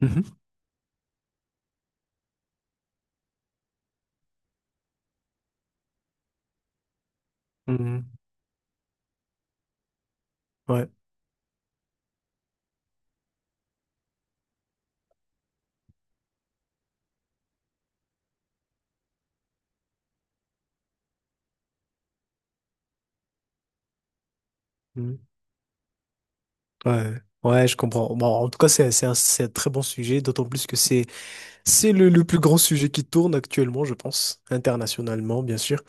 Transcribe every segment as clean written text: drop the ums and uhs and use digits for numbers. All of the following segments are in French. Mhm. Mhm. Ouais. Mhm. Ouais. Ouais, je comprends. Bon, en tout cas, c'est un très bon sujet, d'autant plus que c'est le plus grand sujet qui tourne actuellement, je pense, internationalement, bien sûr.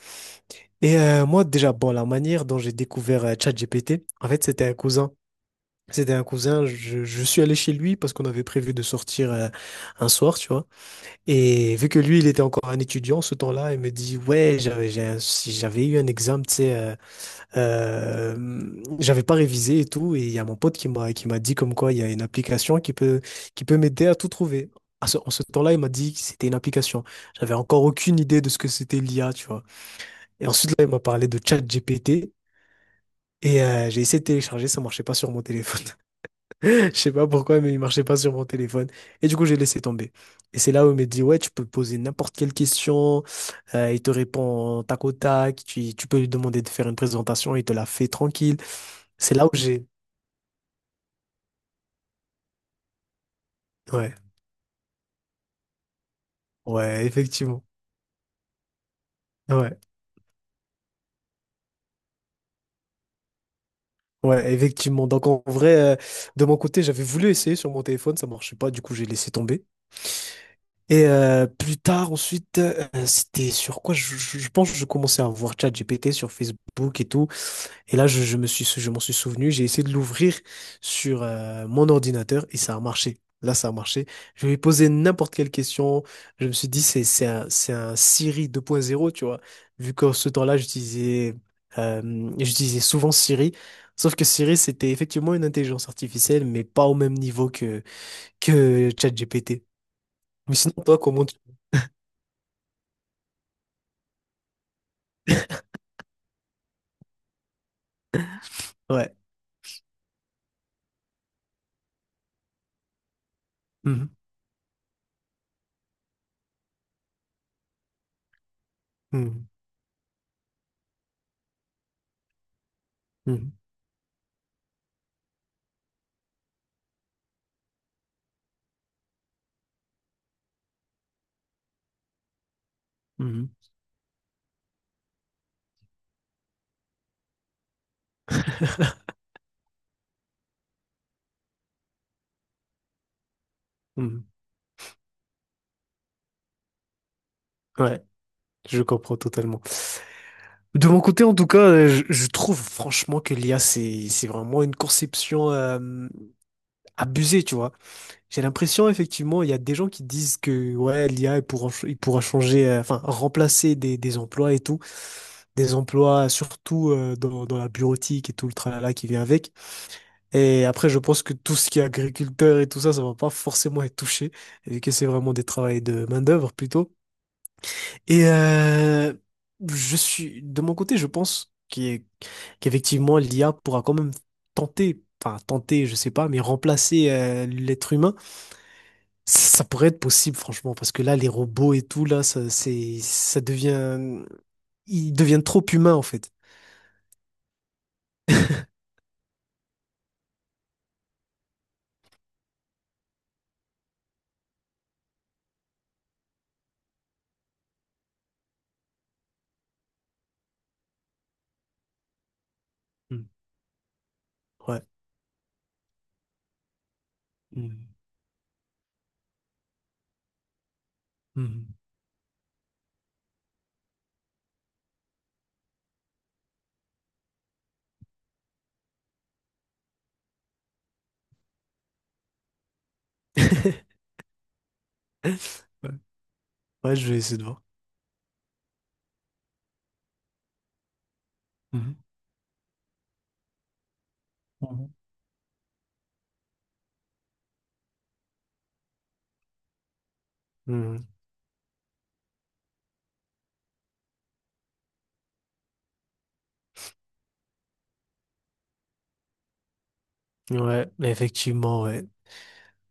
Et moi, déjà, bon, la manière dont j'ai découvert ChatGPT, en fait, c'était un cousin. C'était un cousin, je suis allé chez lui parce qu'on avait prévu de sortir un soir, tu vois. Et vu que lui, il était encore un étudiant ce temps-là, il me dit, ouais, si j'avais eu un examen, tu sais, Euh, j'avais pas révisé et tout, et il y a mon pote qui m'a dit comme quoi il y a une application qui peut m'aider à tout trouver. En ce temps-là, il m'a dit que c'était une application. J'avais encore aucune idée de ce que c'était l'IA, tu vois. Et ensuite là, il m'a parlé de ChatGPT et j'ai essayé de télécharger, ça marchait pas sur mon téléphone. Je sais pas pourquoi, mais il marchait pas sur mon téléphone. Et du coup, j'ai laissé tomber. Et c'est là où il m'a dit, ouais, tu peux poser n'importe quelle question, il te répond tac au tac, tu peux lui demander de faire une présentation, il te la fait tranquille. C'est là où j'ai. Ouais, ouais, effectivement. Ouais, ouais, effectivement. Donc en vrai, de mon côté, j'avais voulu essayer sur mon téléphone, ça marchait pas, du coup j'ai laissé tomber. Et plus tard, ensuite, c'était sur quoi? Je pense que je commençais à voir ChatGPT sur Facebook et tout. Et là, je m'en suis souvenu, j'ai essayé de l'ouvrir sur mon ordinateur et ça a marché. Là, ça a marché. Je lui ai posé n'importe quelle question. Je me suis dit, c'est un Siri 2.0, tu vois. Vu qu'en ce temps-là, j'utilisais souvent Siri. Sauf que Siri, c'était effectivement une intelligence artificielle, mais pas au même niveau que ChatGPT. Mais sinon, toi, comment tu. Ouais. Mhm. Mhm. Mhm. Mhm. Mhm. Ouais, je comprends totalement. De mon côté, en tout cas, je trouve franchement que l'IA, c'est vraiment une conception abusée, tu vois. J'ai l'impression, effectivement, il y a des gens qui disent que ouais, l'IA, il pourra changer, enfin, remplacer des emplois et tout, des emplois surtout dans la bureautique et tout le tralala qui vient avec. Et après, je pense que tout ce qui est agriculteur et tout ça, ça va pas forcément être touché, vu que c'est vraiment des travails de main-d'œuvre plutôt. Et je suis de mon côté, je pense qu'effectivement l'IA pourra quand même tenter, enfin tenter, je sais pas, mais remplacer l'être humain. Ça pourrait être possible, franchement, parce que là, les robots et tout, là, ça, c'est, ça devient, ils deviennent trop humains en fait. Mm. Ouais. Mm. Mhm. Ouais, ouais, je vais essayer de voir. Mhm. Mhm. Mhm. Ouais, mais effectivement, ouais.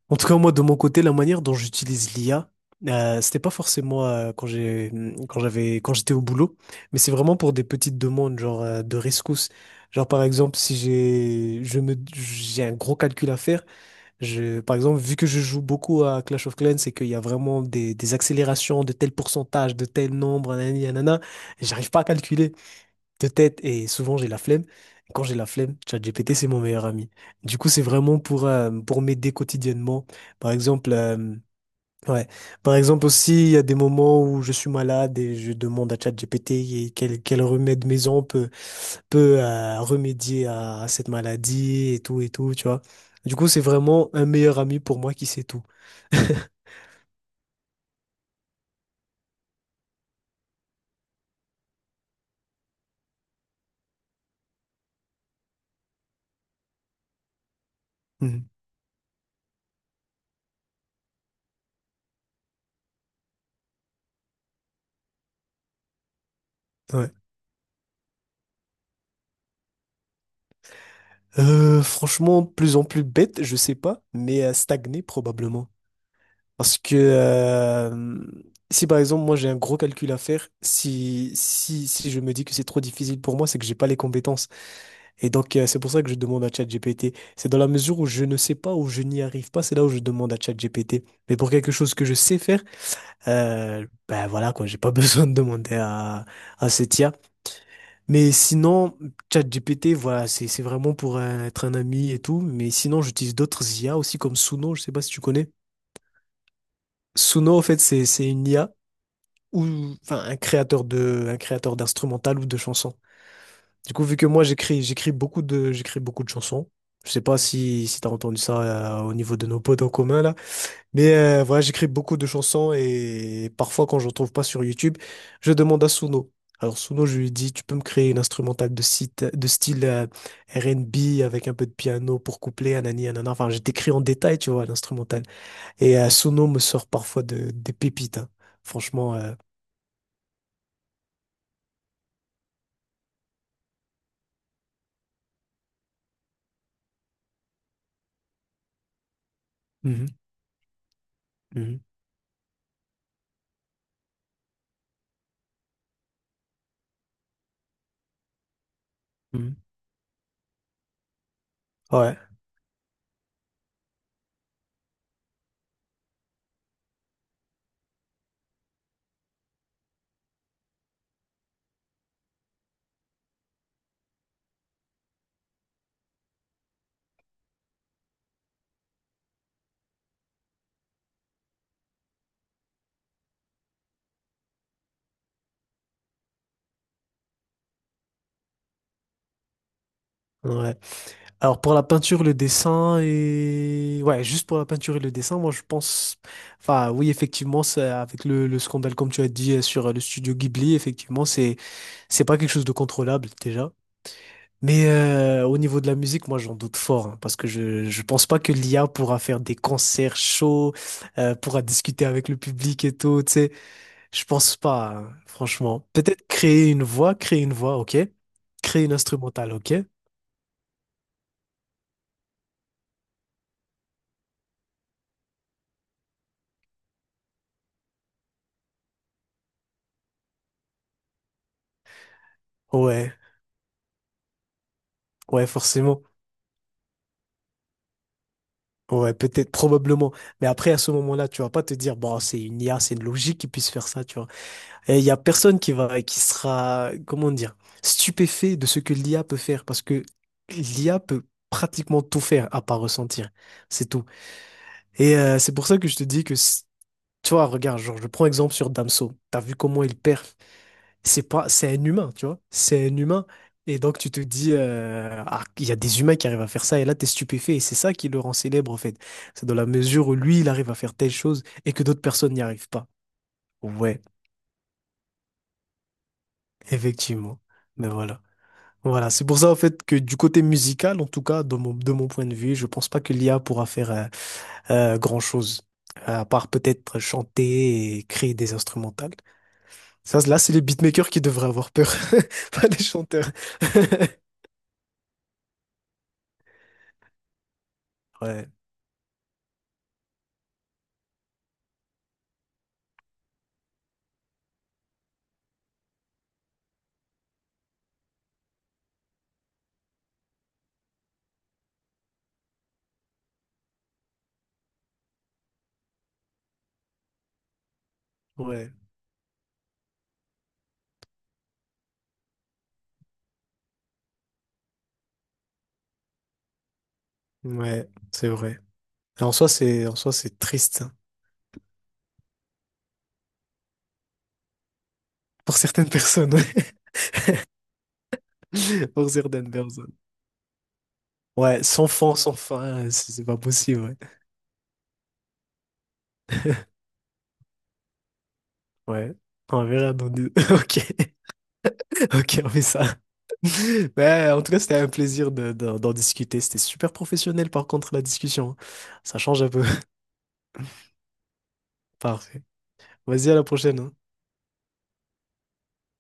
En tout cas, moi, de mon côté, la manière dont j'utilise l'IA, c'était pas forcément quand j'étais au boulot, mais c'est vraiment pour des petites demandes, genre de rescousse. Genre, par exemple, si j'ai, je me, j'ai un gros calcul à faire, par exemple, vu que je joue beaucoup à Clash of Clans et qu'il y a vraiment des accélérations de tel pourcentage, de tel nombre, nanani, nanana, j'arrive pas à calculer de tête et souvent j'ai la flemme. Et quand j'ai la flemme, ChatGPT, c'est mon meilleur ami. Du coup, c'est vraiment pour m'aider quotidiennement. Par exemple, ouais. Par exemple aussi, il y a des moments où je suis malade et je demande à ChatGPT et quel remède maison peut remédier à cette maladie et tout, tu vois. Du coup, c'est vraiment un meilleur ami pour moi qui sait tout. Mhm. Ouais. Franchement, plus en plus bête, je sais pas, mais stagner probablement. Parce que si par exemple moi j'ai un gros calcul à faire, si je me dis que c'est trop difficile pour moi, c'est que j'ai pas les compétences. Et donc c'est pour ça que je demande à ChatGPT. C'est dans la mesure où je ne sais pas ou je n'y arrive pas, c'est là où je demande à ChatGPT. Mais pour quelque chose que je sais faire, ben voilà quoi, j'ai pas besoin de demander à cette IA. Mais sinon ChatGPT, voilà, c'est vraiment pour être un ami et tout. Mais sinon j'utilise d'autres IA aussi comme Suno, je sais pas si tu connais. Suno en fait c'est une IA ou enfin un créateur d'instrumental ou de chansons. Du coup, vu que moi j'écris beaucoup de chansons. Je sais pas si t'as entendu ça au niveau de nos potes en commun là, mais voilà, j'écris beaucoup de chansons et parfois quand je ne trouve pas sur YouTube, je demande à Suno. Alors Suno, je lui dis tu peux me créer une instrumentale de site de style R&B avec un peu de piano pour coupler anani anana. Enfin, je décris en détail, tu vois, l'instrumental. Et Suno me sort parfois de des pépites, hein. Franchement. Mhm, mhm. Mhm. Ouais, ouais. Alors pour la peinture, le dessin et ouais, juste pour la peinture et le dessin, moi je pense, enfin oui effectivement, c'est avec le, scandale comme tu as dit sur le studio Ghibli, effectivement c'est pas quelque chose de contrôlable déjà. Mais au niveau de la musique, moi j'en doute fort hein, parce que je pense pas que l'IA pourra faire des concerts chauds, pourra discuter avec le public et tout. Tu sais, je pense pas hein, franchement. Peut-être créer une voix, ok. Créer une instrumentale, ok. Ouais, ouais, forcément. Ouais, peut-être, probablement. Mais après, à ce moment-là, tu vas pas te dire, bon, c'est une IA, c'est une logique qui puisse faire ça, tu vois. Et il y a personne qui va, qui sera, comment dire, stupéfait de ce que l'IA peut faire parce que l'IA peut pratiquement tout faire à part ressentir. C'est tout. Et c'est pour ça que je te dis que, tu vois, regarde, genre, je prends exemple sur Damso. T'as vu comment il perd, c'est pas, c'est un humain, tu vois. C'est un humain. Et donc, tu te dis, ah, il y a des humains qui arrivent à faire ça, et là, t'es stupéfait. Et c'est ça qui le rend célèbre, en fait. C'est dans la mesure où lui, il arrive à faire telle chose et que d'autres personnes n'y arrivent pas. Ouais, effectivement. Mais voilà. Voilà. C'est pour ça, en fait, que du côté musical, en tout cas, de mon point de vue, je pense pas que l'IA pourra faire grand-chose. À part peut-être chanter et créer des instrumentales. Ça, là, c'est les beatmakers qui devraient avoir peur, pas les chanteurs. Ouais. Ouais, ouais, c'est vrai. Et en soi, en soi, c'est triste, hein. Pour certaines personnes, ouais. Pour certaines personnes. Ouais, sans fond, sans fin, c'est pas possible, ouais. Ouais. On verra dans deux. Ok, ok, on fait ça. Ouais, en tout cas, c'était un plaisir d'en discuter. C'était super professionnel, par contre, la discussion, hein. Ça change un peu. Parfait. Vas-y, à la prochaine, hein.